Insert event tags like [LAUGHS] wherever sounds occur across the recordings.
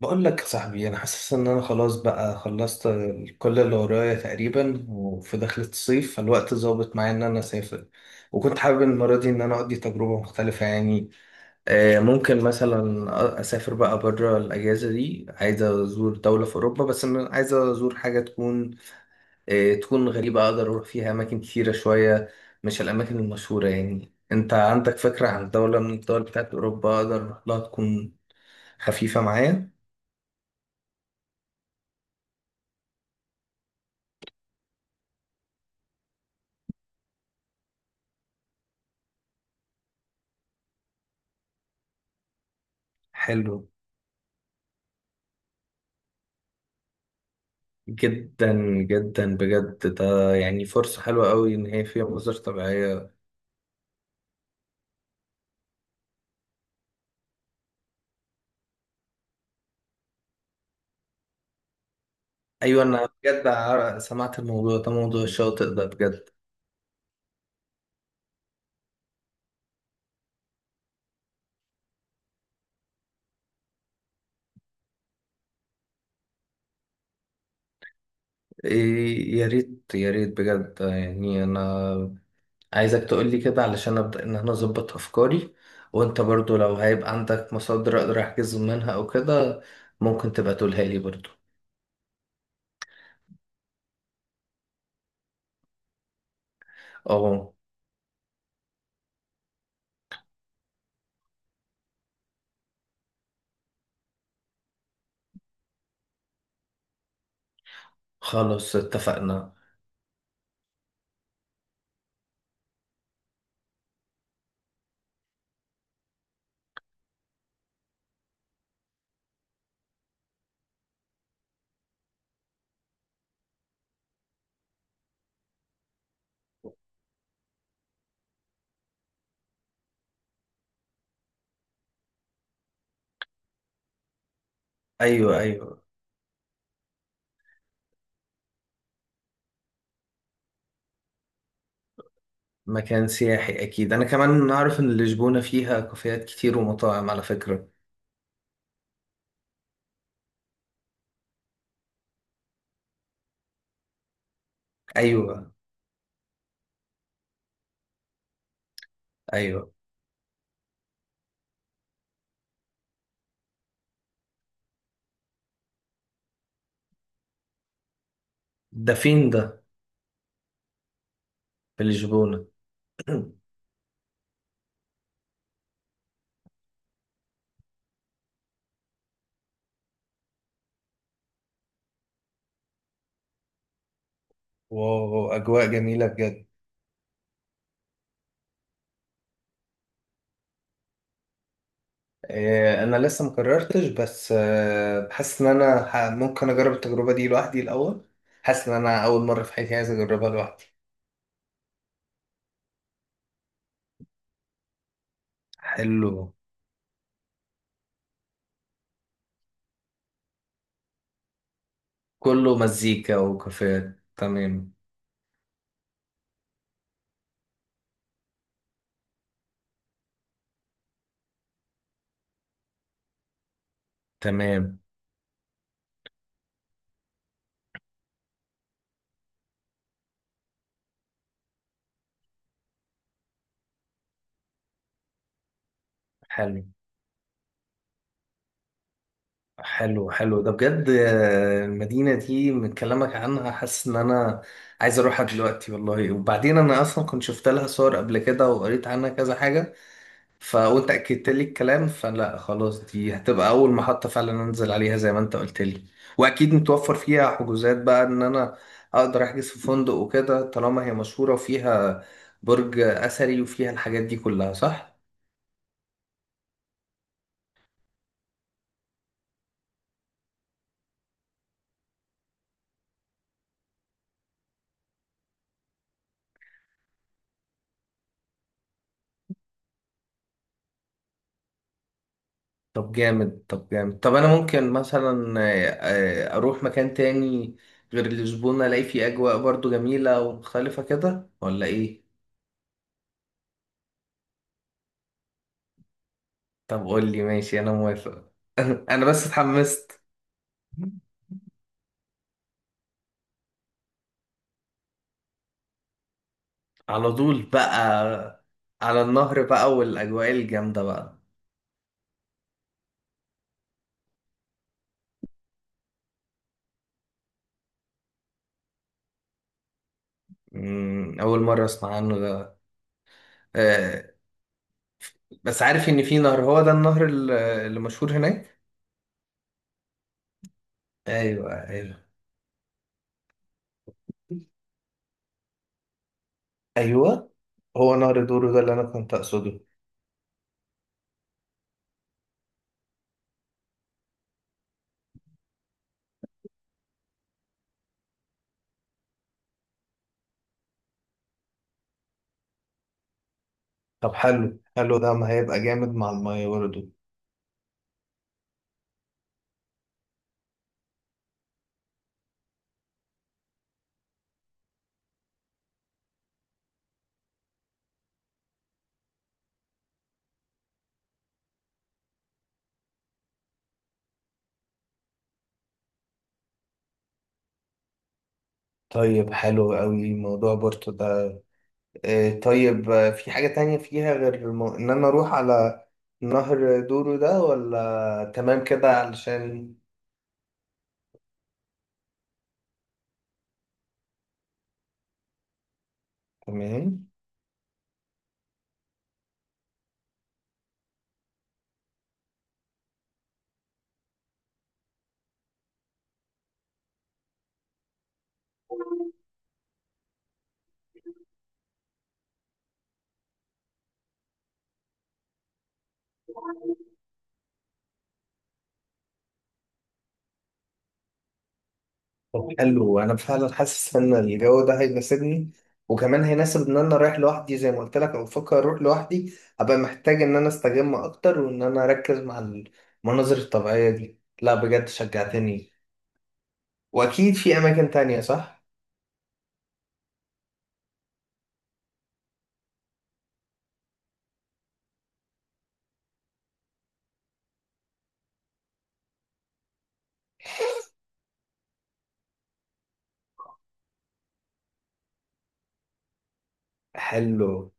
بقول لك يا صاحبي انا حاسس ان انا خلاص بقى خلصت كل اللي ورايا تقريبا، وفي دخلة الصيف فالوقت ظابط معايا ان انا اسافر. وكنت حابب المرة دي ان انا اقضي تجربة مختلفة يعني. ممكن مثلا اسافر بقى بره الاجازة دي. عايز ازور دولة في اوروبا، بس انا عايز ازور حاجة تكون غريبة، اقدر اروح فيها اماكن كتيرة شوية، مش الاماكن المشهورة. يعني انت عندك فكرة عن دولة من الدول بتاعت اوروبا اقدر اروح لها تكون خفيفة معايا؟ حلو جدا. جدا بجد، ده يعني فرصة حلوة قوي إن هي فيها مناظر طبيعية. أيوة، أنا بجد سمعت الموضوع ده، موضوع الشاطئ ده بجد. إيه، يا ريت يا ريت بجد، يعني أنا عايزك تقولي كده علشان أبدأ إن أنا أظبط أفكاري. وأنت برضو لو هيبقى عندك مصادر أقدر أحجز منها أو كده ممكن تبقى تقولها لي برضو. أه، خلاص اتفقنا. أيوة أيوة. مكان سياحي أكيد، أنا كمان أعرف إن لشبونة فيها كافيهات كتير ومطاعم على فكرة. أيوة. أيوة، ده فين ده؟ في لشبونة. [CLEARS THROAT] واو، أجواء جميلة بجد. أنا لسه مكررتش، بس حاسس إن أنا ممكن أجرب التجربة دي لوحدي الأول. حاسس إن أنا أول مرة في حياتي عايز أجربها لوحدي. حلو. كله مزيكا وكافيهات، تمام. تمام، حلو حلو حلو. ده بجد، المدينة دي من كلامك عنها حاسس ان انا عايز اروحها دلوقتي والله. وبعدين انا اصلا كنت شفت لها صور قبل كده وقريت عنها كذا حاجة، وانت اكدت لي الكلام، فلا خلاص دي هتبقى اول محطة فعلا انزل عليها زي ما انت قلت لي. واكيد متوفر فيها حجوزات بقى ان انا اقدر احجز في فندق وكده طالما هي مشهورة وفيها برج اثري وفيها الحاجات دي كلها، صح؟ طب جامد طب جامد. طب انا ممكن مثلا اروح مكان تاني غير لشبونة، الاقي فيه اجواء برضو جميلة ومختلفة كده، ولا ايه؟ طب قول لي، ماشي انا موافق، انا بس اتحمست. على طول بقى، على النهر بقى والاجواء الجامدة بقى. اول مرة اسمع عنه ده. آه، بس عارف ان في نهر، هو ده النهر اللي مشهور هناك. ايوه ايوه ايوه، هو نهر دورو ده اللي انا كنت اقصده. طب حلو حلو، ده ما هيبقى جامد مع المية برضه. طيب حلو قوي موضوع بورتو ده. إيه طيب، في حاجة تانية فيها غير إن أنا أروح على نهر دورو ده، ولا تمام كده علشان؟ تمام. طب حلو، أنا فعلا حاسس إن الجو ده هيناسبني، وكمان هيناسب إن أنا رايح لوحدي زي ما قلت لك، أو بفكر أروح لوحدي. أبقى محتاج إن أنا أستجم أكتر وإن أنا أركز مع المناظر الطبيعية دي. لا بجد شجعتني. وأكيد في أماكن تانية، صح؟ حلو.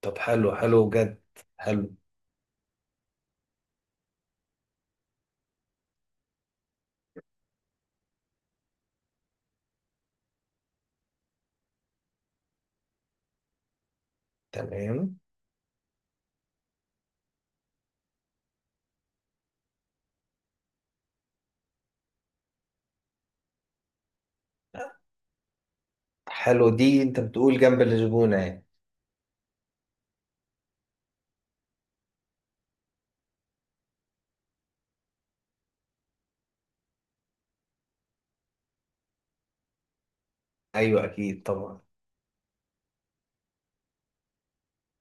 طب حلو حلو جد. حلو. تمام. حلو، دي انت بتقول جنب الزبونة يعني؟ ايوه اكيد طبعا.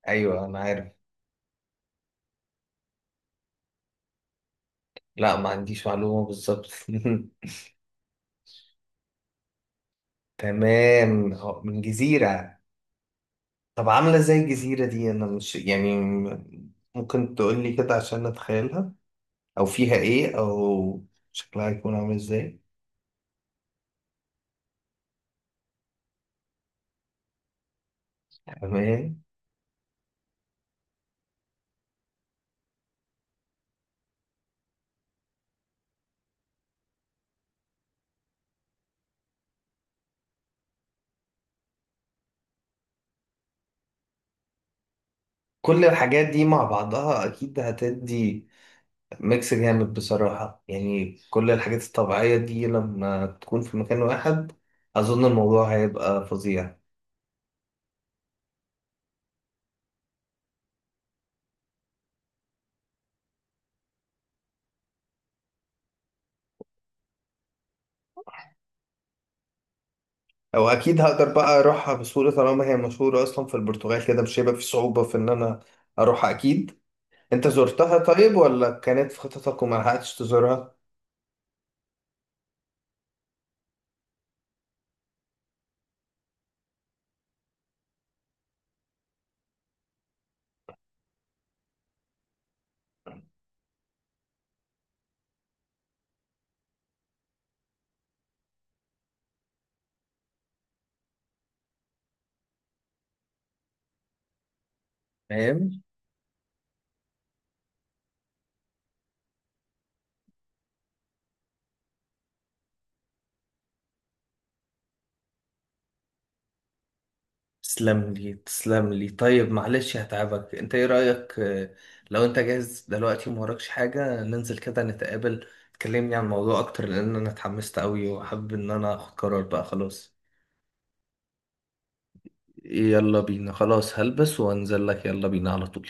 ايوه انا عارف. لا، ما عنديش معلومة بالظبط. [LAUGHS] تمام، هو من جزيرة. طب عاملة زي الجزيرة دي، انا مش يعني ممكن تقولي كده عشان اتخيلها، او فيها ايه، او شكلها يكون عامل ازاي؟ تمام. كل الحاجات دي مع بعضها اكيد هتدي ميكس جامد بصراحة، يعني كل الحاجات الطبيعية دي لما تكون في مكان واحد أظن الموضوع هيبقى فظيع. أو أكيد هقدر بقى أروحها بسهولة طالما هي مشهورة أصلا في البرتغال كده، مش هيبقى في صعوبة في إن أنا أروحها أكيد. أنت زرتها طيب، ولا كانت في خططك وما لحقتش تزورها؟ فاهم؟ تسلم لي تسلم لي. طيب معلش هتعبك، انت ايه رأيك، لو انت جاهز دلوقتي وموراكش حاجة ننزل كده نتقابل، تكلمني عن الموضوع اكتر، لان انا اتحمست قوي وحابب ان انا اخد قرار بقى خلاص. يلا بينا خلاص، هلبس وانزل لك. يلا بينا على طول.